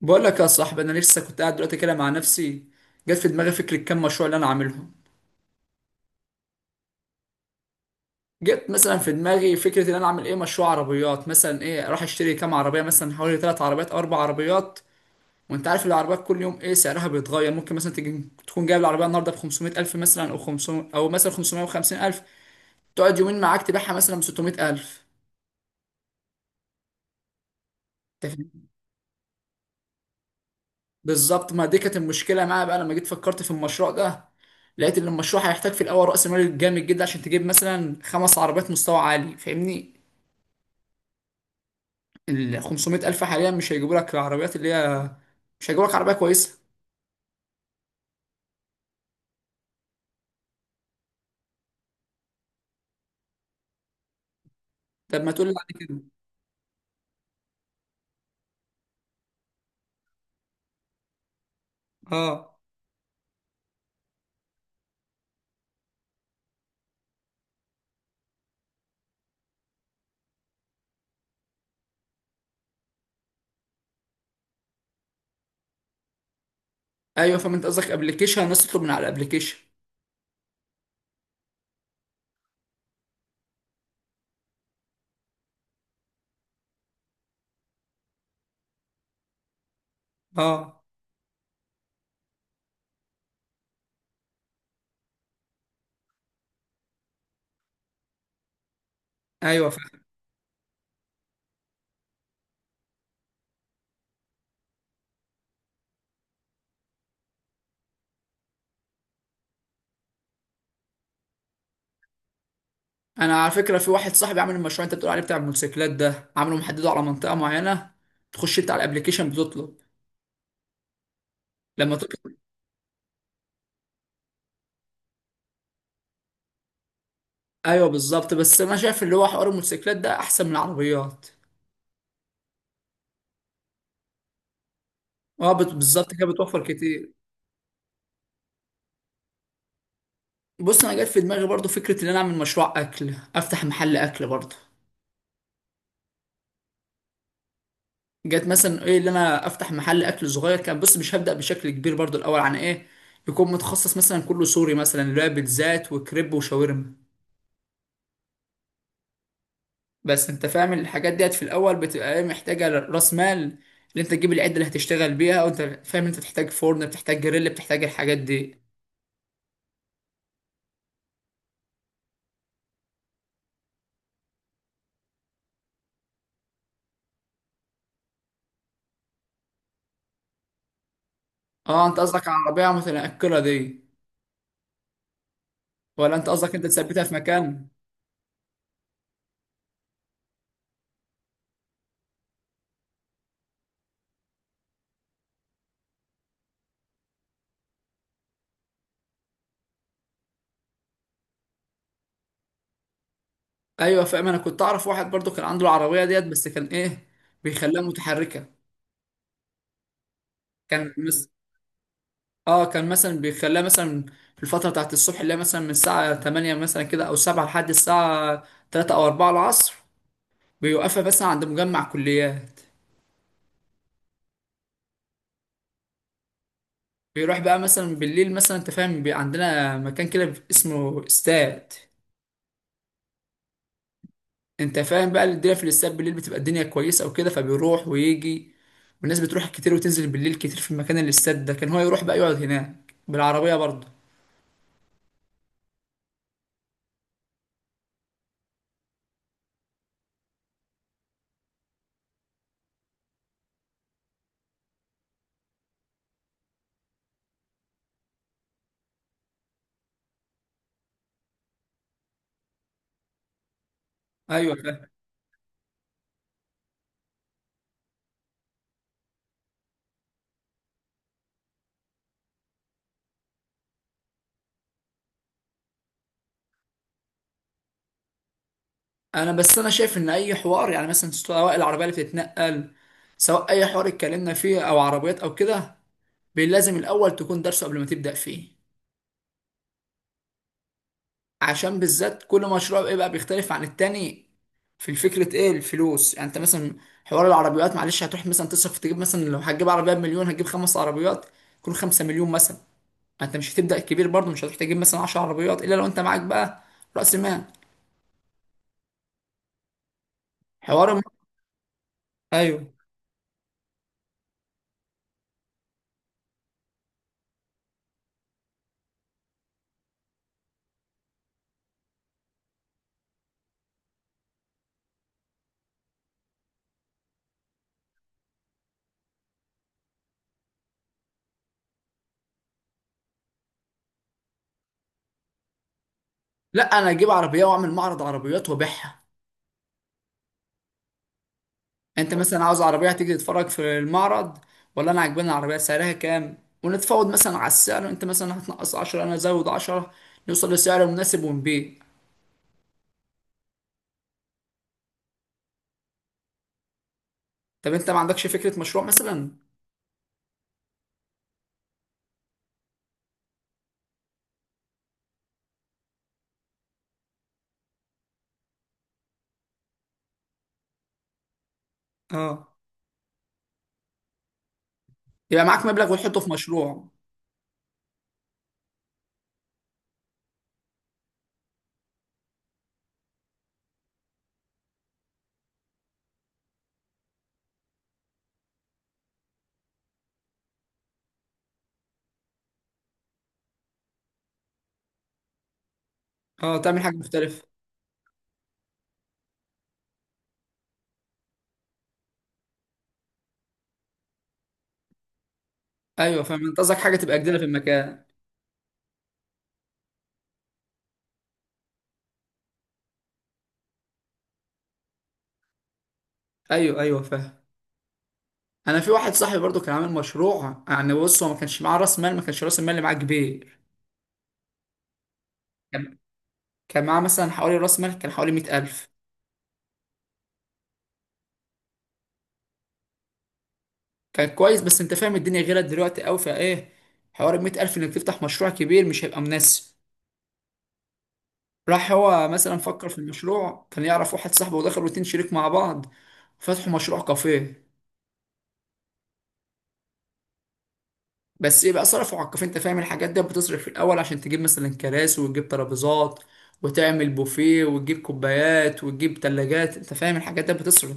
بقول لك يا صاحبي، انا لسه كنت قاعد دلوقتي كده مع نفسي. جت في دماغي فكره كام مشروع اللي انا عاملهم. جت مثلا في دماغي فكره ان انا اعمل ايه مشروع عربيات، مثلا ايه، اروح اشتري كام عربيه، مثلا حوالي 3 عربيات او 4 عربيات. وانت عارف العربيات كل يوم ايه سعرها بيتغير، ممكن مثلا تيجي تكون جايب العربيه النهارده ب 500 الف مثلا، او 500، او مثلا 550 الف. تقعد يومين معاك تبيعها مثلا ب 600 الف. بالظبط، ما دي كانت المشكله معايا بقى لما جيت فكرت في المشروع ده. لقيت ان المشروع هيحتاج في الاول راس مال جامد جدا عشان تجيب مثلا 5 عربيات مستوى عالي، فاهمني؟ ال 500 الف حاليا مش هيجيبوا لك العربيات اللي هي، مش هيجيبوا لك عربيه كويسه. طب ما تقول لي بعد كده. اه، ايوه فاهم، انت قصدك ابلكيشن الناس تطلب من على الابلكيشن. اه، ايوه فاهم. انا على فكره في واحد صاحبي عامل المشروع انت بتقول عليه بتاع الموتوسيكلات ده، عامله محدده على منطقه معينه. تخش انت على الابلكيشن بتطلب لما. ايوه بالظبط، بس انا شايف اللي هو حوار الموتوسيكلات ده احسن من العربيات. اه، بالظبط كده بتوفر كتير. بص، انا جت في دماغي برضو فكره ان انا اعمل مشروع اكل، افتح محل اكل برضو. جت مثلا ايه اللي انا افتح محل اكل صغير كان، بص مش هبدا بشكل كبير برضو الاول، عن ايه؟ يكون متخصص مثلا كله سوري، مثلا اللي هو بيتزات وكريب وشاورما. بس انت فاهم الحاجات ديت في الاول بتبقى ايه، محتاجه راس مال. اللي انت تجيب العده اللي هتشتغل بيها، وانت فاهم انت بتحتاج فرن، بتحتاج جريل، بتحتاج الحاجات دي. اه انت قصدك على العربية متنقلة دي؟ ولا انت قصدك انت تثبتها في مكان؟ ايوه فاهم. انا كنت اعرف واحد برضو كان عنده العربية ديت، بس كان ايه، بيخليها متحركة. كان اه، كان مثلا بيخليها مثلا في الفترة بتاعت الصبح، اللي هي مثلا من الساعة 8 مثلا كده او 7، لحد الساعة 3 او 4 العصر. بيوقفها مثلا عند مجمع كليات. بيروح بقى مثلا بالليل، مثلا انت فاهم عندنا مكان كده اسمه استاد. انت فاهم بقى الدنيا في الاستاد بالليل بتبقى الدنيا كويسه وكده، فبيروح ويجي. والناس بتروح كتير وتنزل بالليل كتير في مكان الاستاد ده، كان هو يروح بقى يقعد هناك بالعربيه برضه. ايوه فاهم. انا بس انا شايف ان اي حوار، يعني مثلا سواء العربيه اللي بتتنقل، سواء اي حوار اتكلمنا فيه او عربيات او كده، لازم الاول تكون درسه قبل ما تبدا فيه. عشان بالذات كل مشروع بيبقى بيختلف عن التاني في الفكرة، ايه الفلوس يعني. انت مثلا حوار العربيات، معلش هتروح مثلا تصرف تجيب مثلا لو هتجيب عربية بمليون، هتجيب 5 عربيات كل خمسة مليون مثلا. انت مش هتبدأ كبير برضه، مش هتروح تجيب مثلا 10 عربيات الا لو انت معاك بقى رأس مال. حوار الم... ايوه. لا، انا اجيب عربية واعمل معرض عربيات وابيعها. انت مثلا عاوز عربيه هتيجي تتفرج في المعرض، ولا انا عاجباني العربيه سعرها كام، ونتفاوض مثلا على السعر، انت مثلا هتنقص 10 انا ازود 10، نوصل لسعر مناسب ونبيع. طب انت ما عندكش فكره مشروع مثلا؟ اه، يبقى معاك مبلغ وتحطه في مشروع. اه، تعمل حاجه مختلفه. ايوه فاهم، انت قصدك حاجه تبقى جديده في المكان. ايوه ايوه فاهم. انا في واحد صاحبي برضو كان عامل مشروع يعني، بص هو ما كانش معاه راس مال، ما كانش راس المال اللي معاه كبير. كان كان معاه مثلا حوالي راس مال، كان حوالي 100,000. كان كويس، بس انت فاهم الدنيا غيرت دلوقتي قوي، فايه حوار ال 100,000، انك تفتح مشروع كبير مش هيبقى مناسب. راح هو مثلا فكر في المشروع، كان يعرف واحد صاحبه، ودخلوا اتنين شريك مع بعض. فتحوا مشروع كافيه. بس ايه بقى، صرفوا على الكافيه، انت فاهم الحاجات دي بتصرف في الاول، عشان تجيب مثلا كراسي وتجيب ترابيزات وتعمل بوفيه وتجيب كوبايات وتجيب تلاجات، انت فاهم الحاجات دي بتصرف.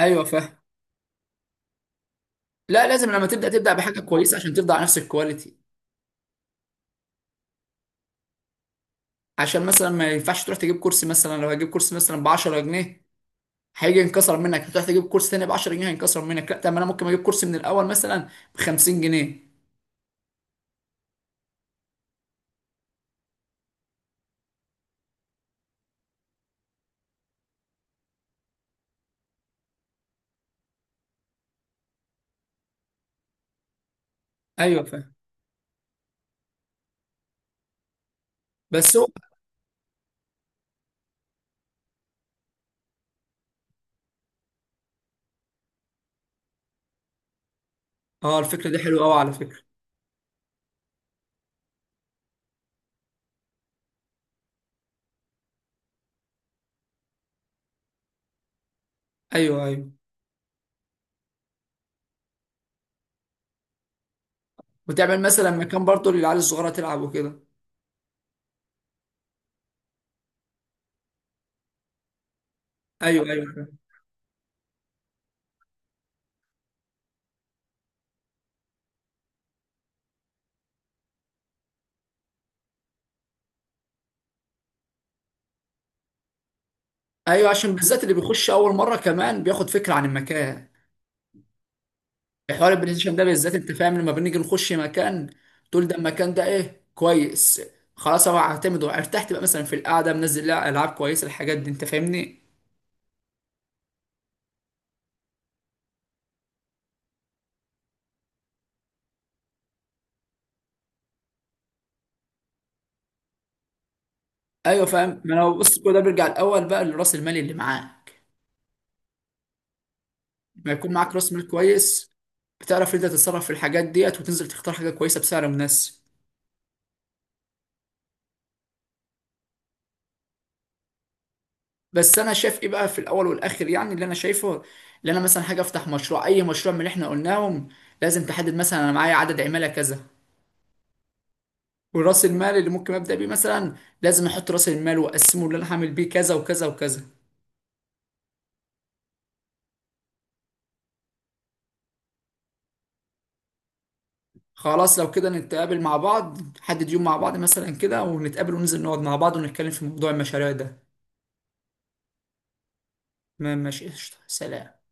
ايوه فاهم. لا لازم، لما تبدا تبدا بحاجه كويسه عشان تفضل على نفس الكواليتي. عشان مثلا ما ينفعش تروح تجيب كرسي مثلا، لو هجيب كرسي مثلا ب 10 جنيه هيجي ينكسر منك، هتروح تجيب كورس تاني ب 10 جنيه هينكسر منك، لا، طب ما انا ممكن اجيب كورس من الاول مثلا ب 50 جنيه. ايوه فاهم. بس هو، اه الفكره دي حلوه قوي على فكره. ايوه ايوه. وتعمل مثلا مكان برضه للعيال الصغيره تلعب وكده. ايوه ايوه فاهم. ايوه، عشان بالذات اللي بيخش اول مره كمان بياخد فكره عن المكان. حوار البلاي ستيشن ده بالذات، انت فاهم لما بنيجي نخش مكان، تقول ده المكان ده ايه كويس، خلاص انا هعتمد وارتحت بقى، مثلا في القعده منزل لها العاب كويسه، الحاجات دي انت فاهمني. ايوه فاهم. ما انا بص، كل ده بيرجع الاول بقى لراس المال اللي معاك. لما يكون معاك راس مال كويس، بتعرف انت تتصرف في الحاجات ديت وتنزل تختار حاجه كويسه بسعر مناسب. بس انا شايف ايه بقى، في الاول والاخر يعني، اللي انا شايفه، اللي انا مثلا حاجه افتح مشروع اي مشروع من اللي احنا قلناهم، لازم تحدد مثلا انا معايا عدد عماله كذا، وراس المال اللي ممكن ابدا بيه مثلا، لازم احط راس المال واقسمه اللي انا هعمل بيه كذا وكذا وكذا. خلاص لو كده نتقابل مع بعض، نحدد يوم مع بعض مثلا كده، ونتقابل وننزل نقعد مع بعض ونتكلم في موضوع المشاريع ده. تمام ماشي قشطة سلام.